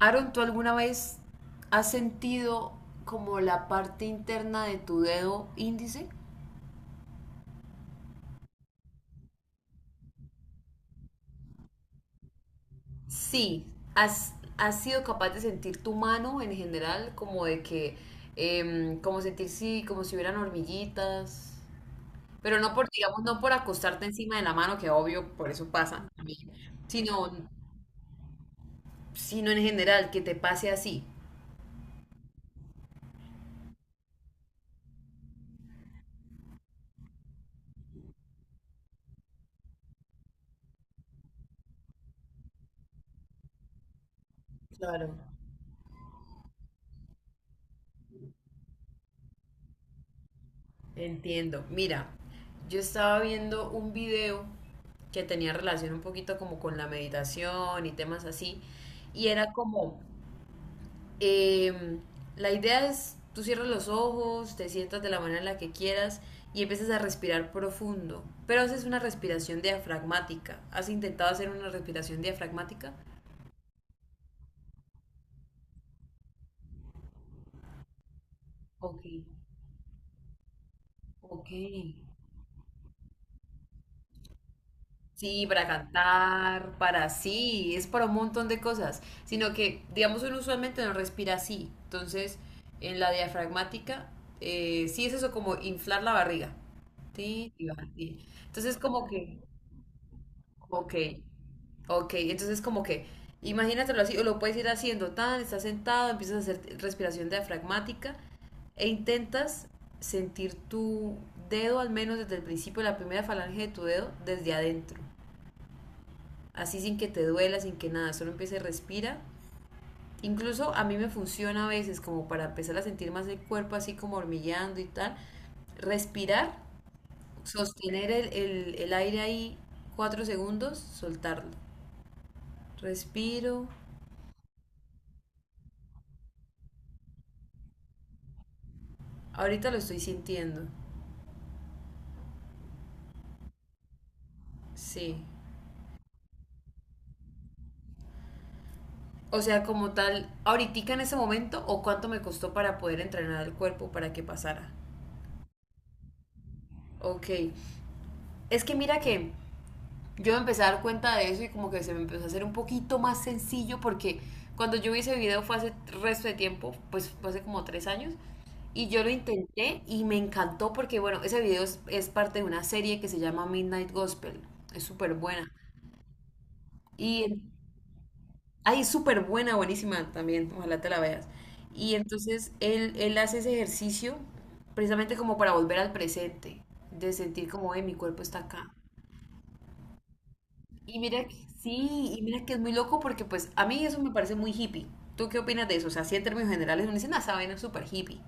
Aaron, ¿tú alguna vez has sentido como la parte interna de tu dedo índice? Sí, has sido capaz de sentir tu mano en general, como de que, como sentir sí, como si hubieran hormiguitas, pero no por, digamos, no por acostarte encima de la mano, que obvio, por eso pasa a mí, sino, sino en general, que te pase así. Claro. Entiendo. Mira, yo estaba viendo un video que tenía relación un poquito como con la meditación y temas así, y era como, em, la idea es, tú cierras los ojos, te sientas de la manera en la que quieras y empiezas a respirar profundo, pero haces una respiración diafragmática. ¿Has intentado hacer una respiración diafragmática? Ok, ok. Sí, para cantar, para sí, es para un montón de cosas, sino que, digamos, uno usualmente no respira así. Entonces, en la diafragmática, sí es eso como inflar la barriga. Sí, y bajar, sí. Entonces, como que, ok, ok, entonces como que, imagínatelo así, o lo puedes ir haciendo, estás sentado, empiezas a hacer respiración diafragmática e intentas sentir tu dedo, al menos desde el principio, la primera falange de tu dedo, desde adentro así sin que te duela, sin que nada, solo empiece, respira. Incluso a mí me funciona a veces como para empezar a sentir más el cuerpo así como hormigueando y tal. Respirar, sostener el aire ahí 4 segundos, soltarlo. Respiro. Ahorita lo estoy sintiendo. Sí. O sea, como tal, ahorita en ese momento o cuánto me costó para poder entrenar el cuerpo para que pasara. Ok. Es que mira que yo me empecé a dar cuenta de eso y como que se me empezó a hacer un poquito más sencillo porque cuando yo vi ese video fue hace resto de tiempo, pues fue hace como 3 años. Y yo lo intenté y me encantó porque, bueno, ese video es parte de una serie que se llama Midnight Gospel. Es súper buena. Y ahí es súper buena, buenísima también. Ojalá te la veas. Y entonces él hace ese ejercicio precisamente como para volver al presente, de sentir como, mi cuerpo está acá. Y mira, sí, y mira que es muy loco porque pues a mí eso me parece muy hippie. ¿Tú qué opinas de eso? O sea, sí en términos generales uno dice, ah, esa vaina es súper hippie.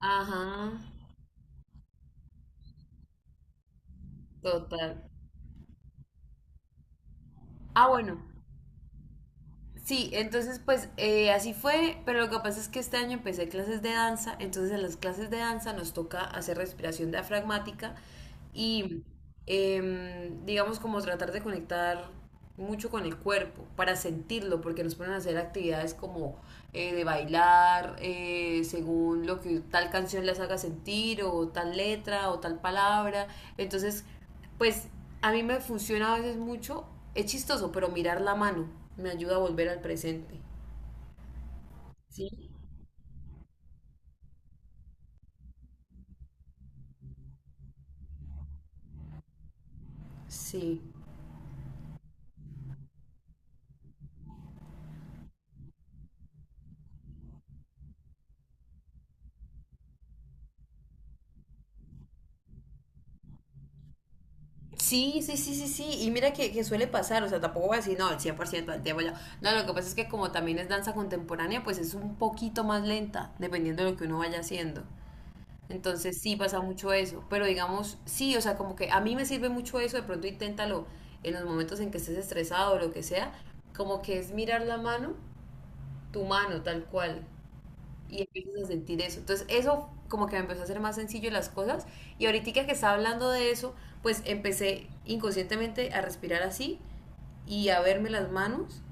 Ajá, total. Ah, bueno, sí, entonces pues así fue, pero lo que pasa es que este año empecé clases de danza, entonces en las clases de danza nos toca hacer respiración diafragmática y digamos como tratar de conectar mucho con el cuerpo para sentirlo, porque nos ponen a hacer actividades como de bailar, según lo que tal canción les haga sentir, o tal letra, o tal palabra. Entonces, pues a mí me funciona a veces mucho, es chistoso, pero mirar la mano me ayuda a volver al presente. ¿Sí? Sí. Sí, sí, sí, sí, sí. Y mira que suele pasar, o sea, tampoco voy a decir, no, el 100% del tiempo ya. No, lo que pasa es que como también es danza contemporánea, pues es un poquito más lenta, dependiendo de lo que uno vaya haciendo. Entonces sí pasa mucho eso. Pero digamos, sí, o sea, como que a mí me sirve mucho eso, de pronto inténtalo en los momentos en que estés estresado o lo que sea, como que es mirar la mano, tu mano tal cual, y empiezas a sentir eso. Entonces eso como que me empezó a hacer más sencillo las cosas y ahorita que estaba hablando de eso, pues empecé inconscientemente a respirar así y a verme las manos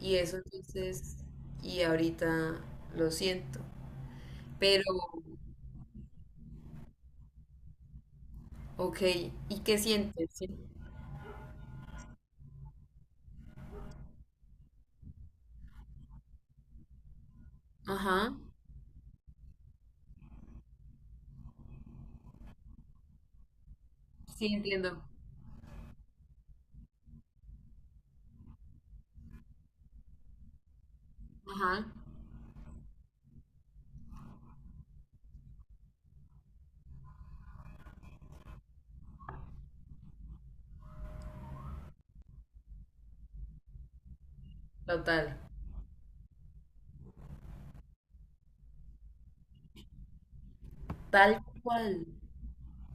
y eso entonces, y ahorita lo siento. Pero, ok, ¿y qué sientes? Sí. Ajá, sí entiendo. Ajá, total, tal cual.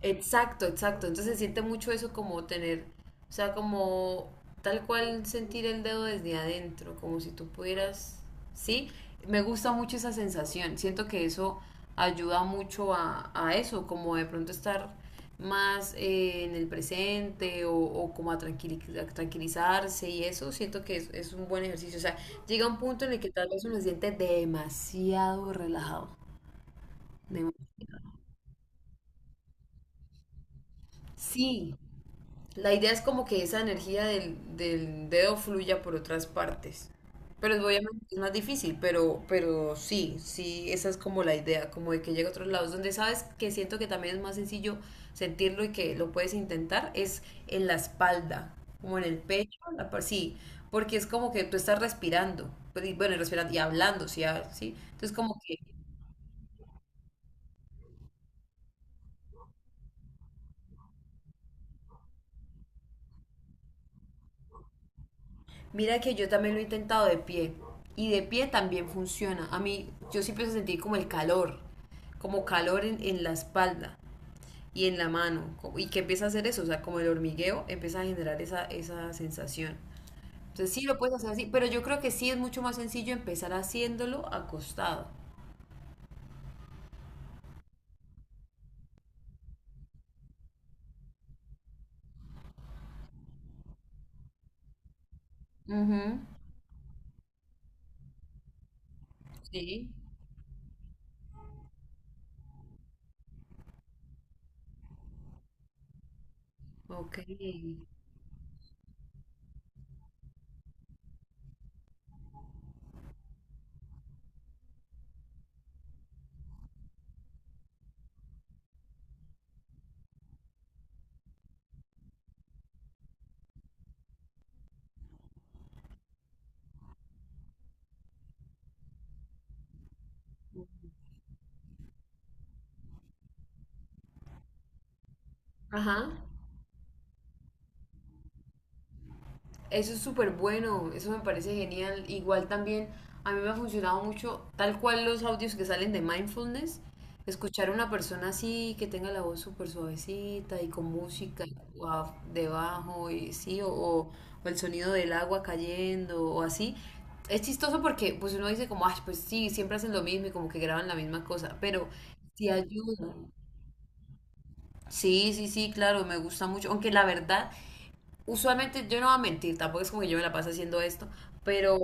Exacto, exacto. Entonces se siente mucho eso como tener, o sea, como tal cual sentir el dedo desde adentro, como si tú pudieras, ¿sí? Me gusta mucho esa sensación. Siento que eso ayuda mucho a eso, como de pronto estar más en el presente o como a, a tranquilizarse y eso, siento que es un buen ejercicio. O sea, llega un punto en el que tal vez uno se siente demasiado relajado. Dem- sí. La idea es como que esa energía del dedo fluya por otras partes. Pero obviamente es más difícil, pero sí, sí, esa es como la idea, como de que llegue a otros lados. Donde sabes que siento que también es más sencillo sentirlo y que lo puedes intentar es en la espalda, como en el pecho, sí, porque es como que tú estás respirando, pues, y bueno, y respirando y hablando, sí, ah, sí. Entonces como que mira que yo también lo he intentado de pie y de pie también funciona. A mí, yo siempre empiezo a sentir como el calor, como calor en la espalda y en la mano. ¿Y que empieza a hacer eso? O sea, como el hormigueo empieza a generar esa sensación. Entonces sí lo puedes hacer así, pero yo creo que sí es mucho más sencillo empezar haciéndolo acostado. Ujú, sí, ok. Ajá. Eso es súper bueno, eso me parece genial. Igual también a mí me ha funcionado mucho, tal cual los audios que salen de mindfulness, escuchar a una persona así que tenga la voz súper suavecita y con música debajo y sí, o el sonido del agua cayendo o así. Es chistoso porque pues uno dice como, ay, pues sí, siempre hacen lo mismo y como que graban la misma cosa, pero sí ayuda. Sí, sí, sí, claro, me gusta mucho. Aunque la verdad, usualmente yo no voy a mentir, tampoco es como que yo me la paso haciendo esto, pero,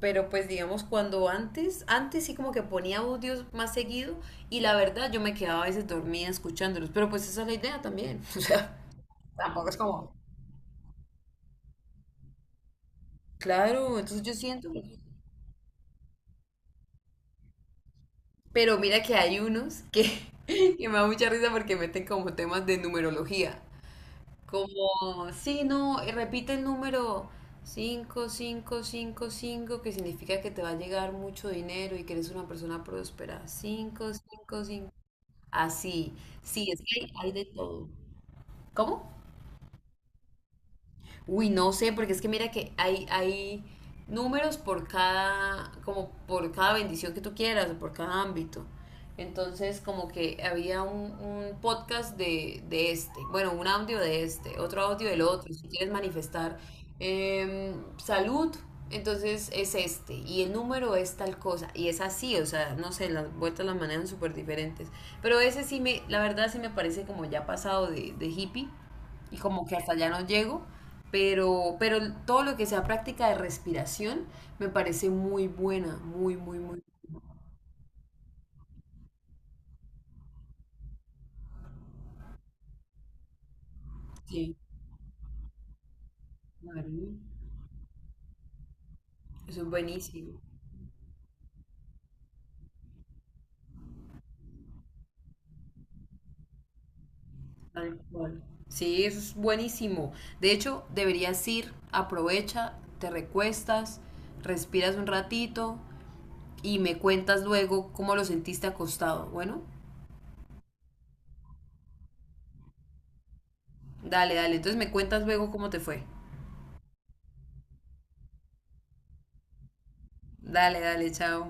pero pues digamos cuando antes, antes sí como que ponía audios más seguido y la verdad yo me quedaba a veces dormida escuchándolos, pero pues esa es la idea también, o sea, tampoco es como, claro, entonces yo siento, pero mira que hay unos que, que me da mucha risa porque meten como temas de numerología. Como, sí, no, y repite el número 5555 que significa que te va a llegar mucho dinero y que eres una persona próspera. 555. Así, sí, es que hay de todo. ¿Cómo? Uy, no sé, porque es que mira que hay números por cada, como por cada bendición que tú quieras, o por cada ámbito. Entonces, como que había un podcast de este, bueno, un audio de este, otro audio del otro, si quieres manifestar eh, salud, entonces es este, y el número es tal cosa, y es así, o sea, no sé, las vueltas las manejan súper diferentes. Pero ese sí me, la verdad sí me parece como ya pasado de hippie, y como que hasta ya no llego, pero todo lo que sea práctica de respiración me parece muy buena, muy, muy, muy. Sí, claro. Eso es buenísimo, tal cual. Sí, eso es buenísimo. De hecho, deberías ir, aprovecha, te recuestas, respiras un ratito y me cuentas luego cómo lo sentiste acostado. Bueno, dale, dale. Entonces me cuentas luego cómo te fue. Dale, dale, chao.